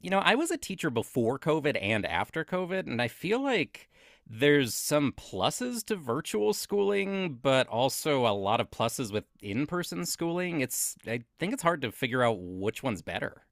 I was a teacher before COVID and after COVID, and I feel like there's some pluses to virtual schooling, but also a lot of pluses with in person schooling. I think it's hard to figure out which one's better.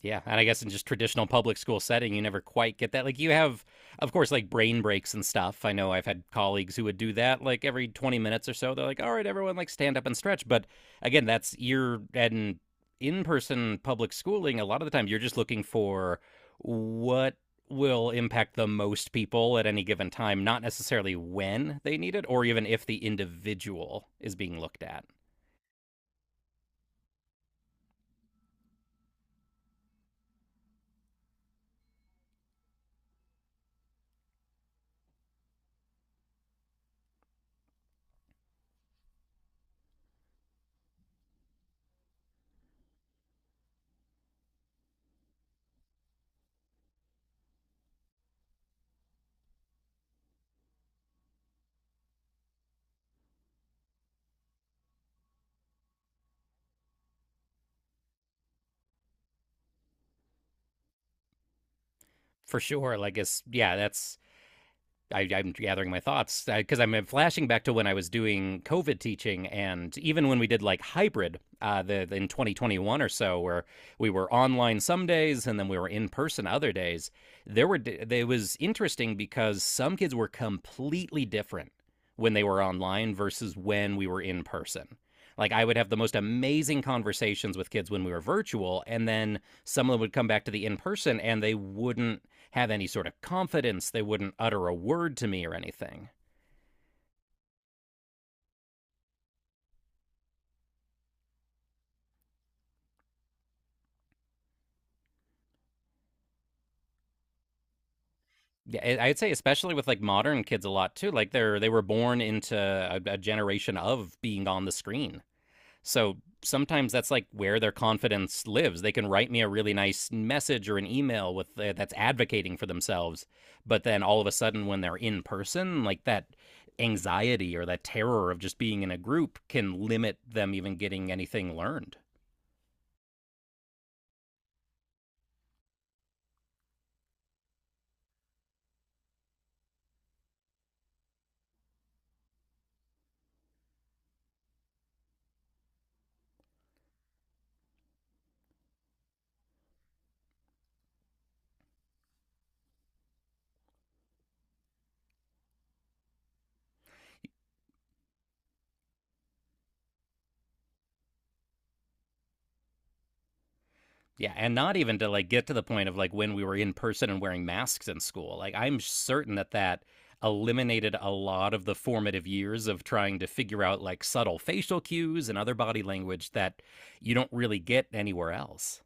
Yeah, and I guess in just traditional public school setting, you never quite get that. Like you have, of course, like brain breaks and stuff. I know I've had colleagues who would do that, like every 20 minutes or so. They're like, "All right, everyone, like stand up and stretch." But again, that's you're in in-person public schooling. A lot of the time, you're just looking for what will impact the most people at any given time, not necessarily when they need it or even if the individual is being looked at. For sure. Like it's yeah, that's I'm gathering my thoughts because I'm flashing back to when I was doing COVID teaching, and even when we did like hybrid in 2021 or so, where we were online some days and then we were in person other days, there were it was interesting because some kids were completely different when they were online versus when we were in person. Like I would have the most amazing conversations with kids when we were virtual, and then some of them would come back to the in person and they wouldn't have any sort of confidence. They wouldn't utter a word to me or anything. Yeah, I- would say especially with like modern kids a lot too. Like they were born into a generation of being on the screen. So sometimes that's like where their confidence lives. They can write me a really nice message or an email with that's advocating for themselves, but then all of a sudden when they're in person, like that anxiety or that terror of just being in a group can limit them even getting anything learned. Yeah, and not even to like get to the point of like when we were in person and wearing masks in school. Like I'm certain that that eliminated a lot of the formative years of trying to figure out like subtle facial cues and other body language that you don't really get anywhere else.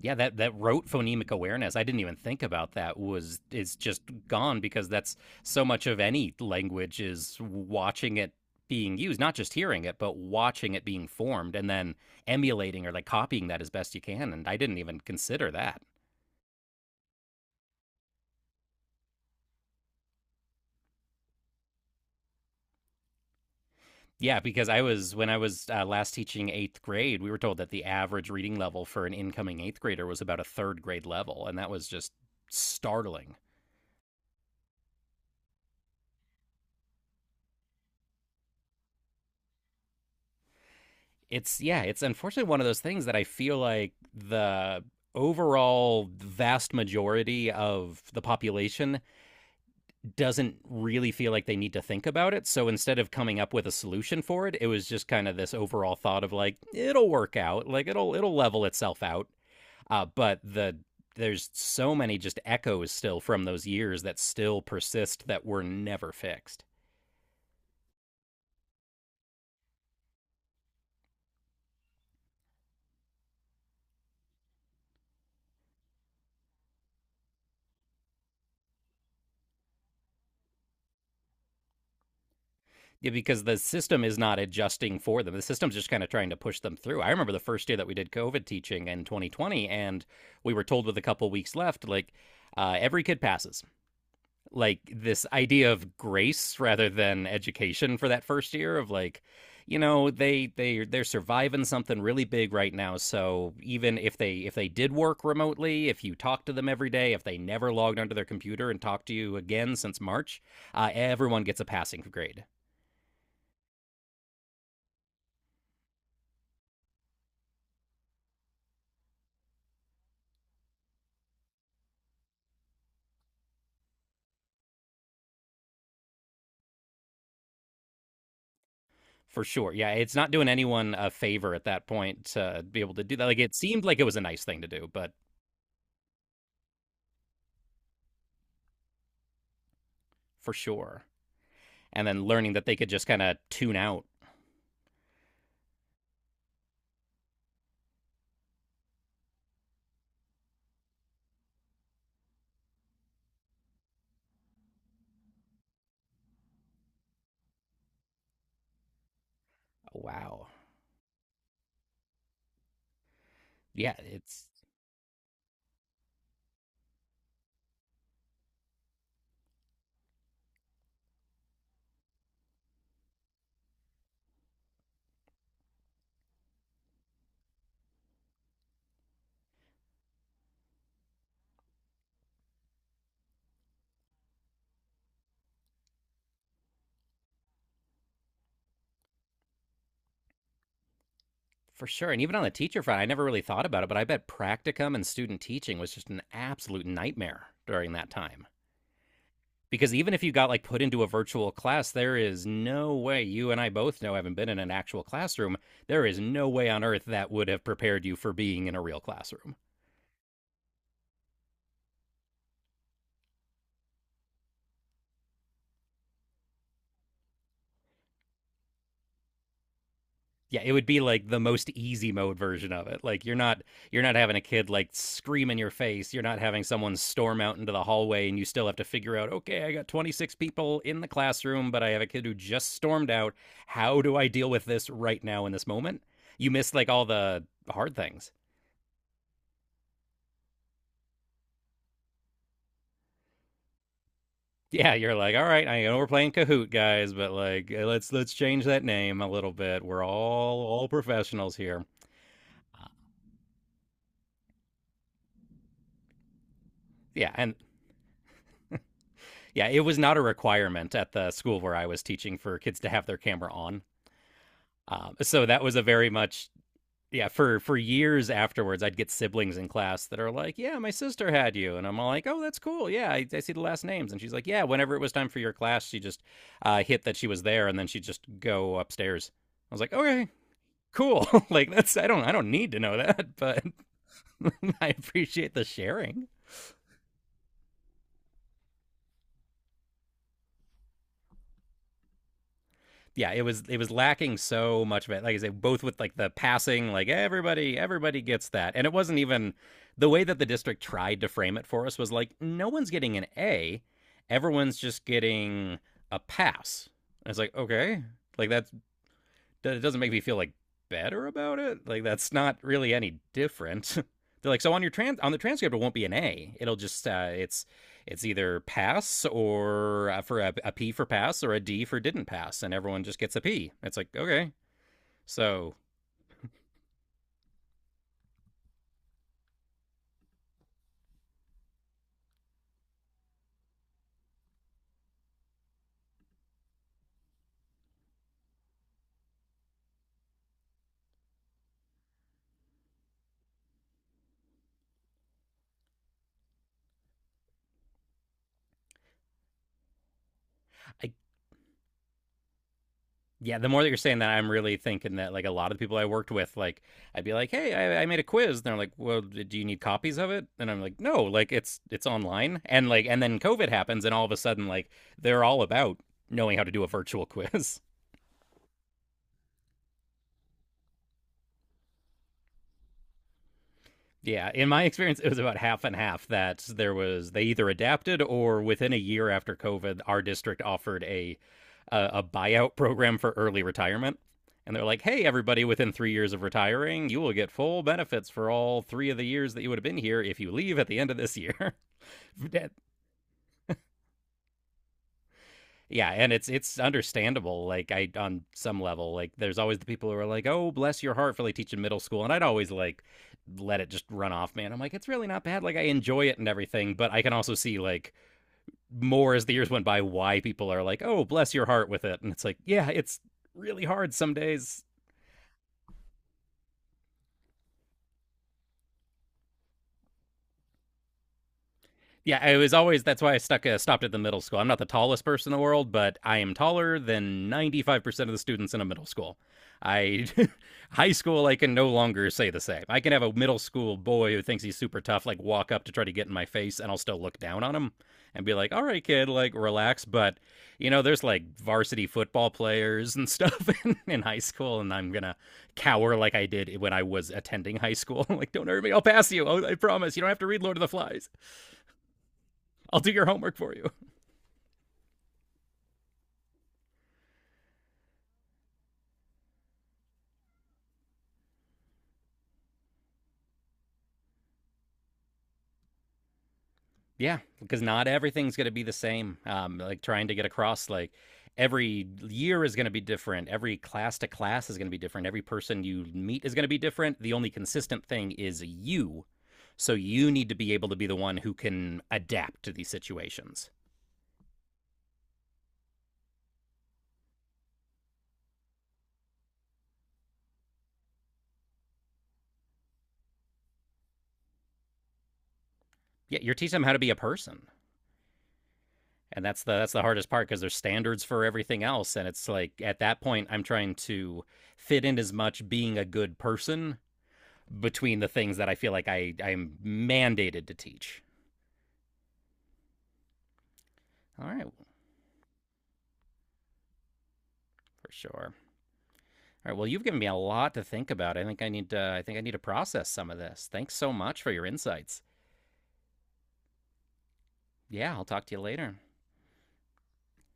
Yeah, that rote phonemic awareness, I didn't even think about that was is just gone, because that's so much of any language is watching it being used, not just hearing it, but watching it being formed and then emulating or like copying that as best you can, and I didn't even consider that. Yeah, because I was when I was last teaching eighth grade, we were told that the average reading level for an incoming eighth grader was about a third grade level, and that was just startling. It's unfortunately one of those things that I feel like the overall vast majority of the population doesn't really feel like they need to think about it. So instead of coming up with a solution for it, it was just kind of this overall thought of like it'll work out, like it'll level itself out. But there's so many just echoes still from those years that still persist that were never fixed. Yeah, because the system is not adjusting for them. The system's just kind of trying to push them through. I remember the first year that we did COVID teaching in 2020, and we were told with a couple weeks left, like, every kid passes. Like, this idea of grace rather than education for that first year of like, you know, they're surviving something really big right now, so even if they, if they did work remotely, if you talk to them every day, if they never logged onto their computer and talked to you again since march, everyone gets a passing grade. For sure. Yeah, it's not doing anyone a favor at that point to be able to do that. Like it seemed like it was a nice thing to do, but for sure. And then learning that they could just kind of tune out. Oh, wow. Yeah, it's For sure. And even on the teacher front, I never really thought about it, but I bet practicum and student teaching was just an absolute nightmare during that time. Because even if you got like put into a virtual class, there is no way, you and I both know, having been in an actual classroom, there is no way on earth that would have prepared you for being in a real classroom. Yeah, it would be like the most easy mode version of it. Like you're not having a kid like scream in your face, you're not having someone storm out into the hallway and you still have to figure out, okay, I got 26 people in the classroom but I have a kid who just stormed out, how do I deal with this right now in this moment. You miss like all the hard things. Yeah, you're like, all right, I know we're playing Kahoot, guys, but like, eh, let's change that name a little bit. We're all professionals here. Yeah, and yeah, it was not a requirement at the school where I was teaching for kids to have their camera on. So that was a very much, yeah, for years afterwards. I'd get siblings in class that are like, yeah, my sister had you, and I'm all like, oh, that's cool. Yeah, I see the last names, and she's like, yeah. Whenever it was time for your class, she just hit that she was there, and then she'd just go upstairs. I was like, okay, cool. Like that's I don't need to know that, but I appreciate the sharing. Yeah, it was lacking so much of it. Like I say, both with like the passing, like everybody gets that, and it wasn't even the way that the district tried to frame it for us was like no one's getting an A, everyone's just getting a pass. And it's like okay, like that it doesn't make me feel like better about it. Like that's not really any different. They're like, so on your trans on the transcript, it won't be an A. It'll just it's either pass or for a P for pass or a D for didn't pass, and everyone just gets a P. It's like okay, so I, yeah, the more that you're saying that, I'm really thinking that like a lot of the people I worked with, like I'd be like, "Hey, I made a quiz," and they're like, "Well, do you need copies of it?" And I'm like, "No, like it's online." And like, and then COVID happens, and all of a sudden, like they're all about knowing how to do a virtual quiz. Yeah, in my experience, it was about half and half that there was they either adapted or within a year after COVID, our district offered a buyout program for early retirement. And they're like, hey, everybody, within 3 years of retiring, you will get full benefits for all three of the years that you would have been here if you leave at the end of this year. Yeah, and it's understandable. Like I on some level, like there's always the people who are like, "Oh, bless your heart for like teaching middle school," and I'd always like let it just run off, man. I'm like, it's really not bad. Like I enjoy it and everything, but I can also see like more as the years went by why people are like, "Oh, bless your heart with it," and it's like, yeah, it's really hard some days. Yeah, it was always that's why I stuck stopped at the middle school. I'm not the tallest person in the world, but I am taller than 95% of the students in a middle school. I high school I can no longer say the same. I can have a middle school boy who thinks he's super tough like walk up to try to get in my face and I'll still look down on him and be like, "All right, kid, like relax." But, you know, there's like varsity football players and stuff in high school and I'm going to cower like I did when I was attending high school. Like, "Don't hurt me. I'll pass you. I'll- I promise. You don't have to read Lord of the Flies." I'll do your homework for you. Yeah, because not everything's going to be the same. Like trying to get across, like every year is going to be different. Every class to class is going to be different. Every person you meet is going to be different. The only consistent thing is you. So you need to be able to be the one who can adapt to these situations. Yeah, you're teaching them how to be a person. And that's the hardest part because there's standards for everything else and it's like at that point I'm trying to fit in as much being a good person between the things that I feel like I'm mandated to teach. All right, for sure. All right. Well, you've given me a lot to think about. I think I need to process some of this. Thanks so much for your insights. Yeah, I'll talk to you later.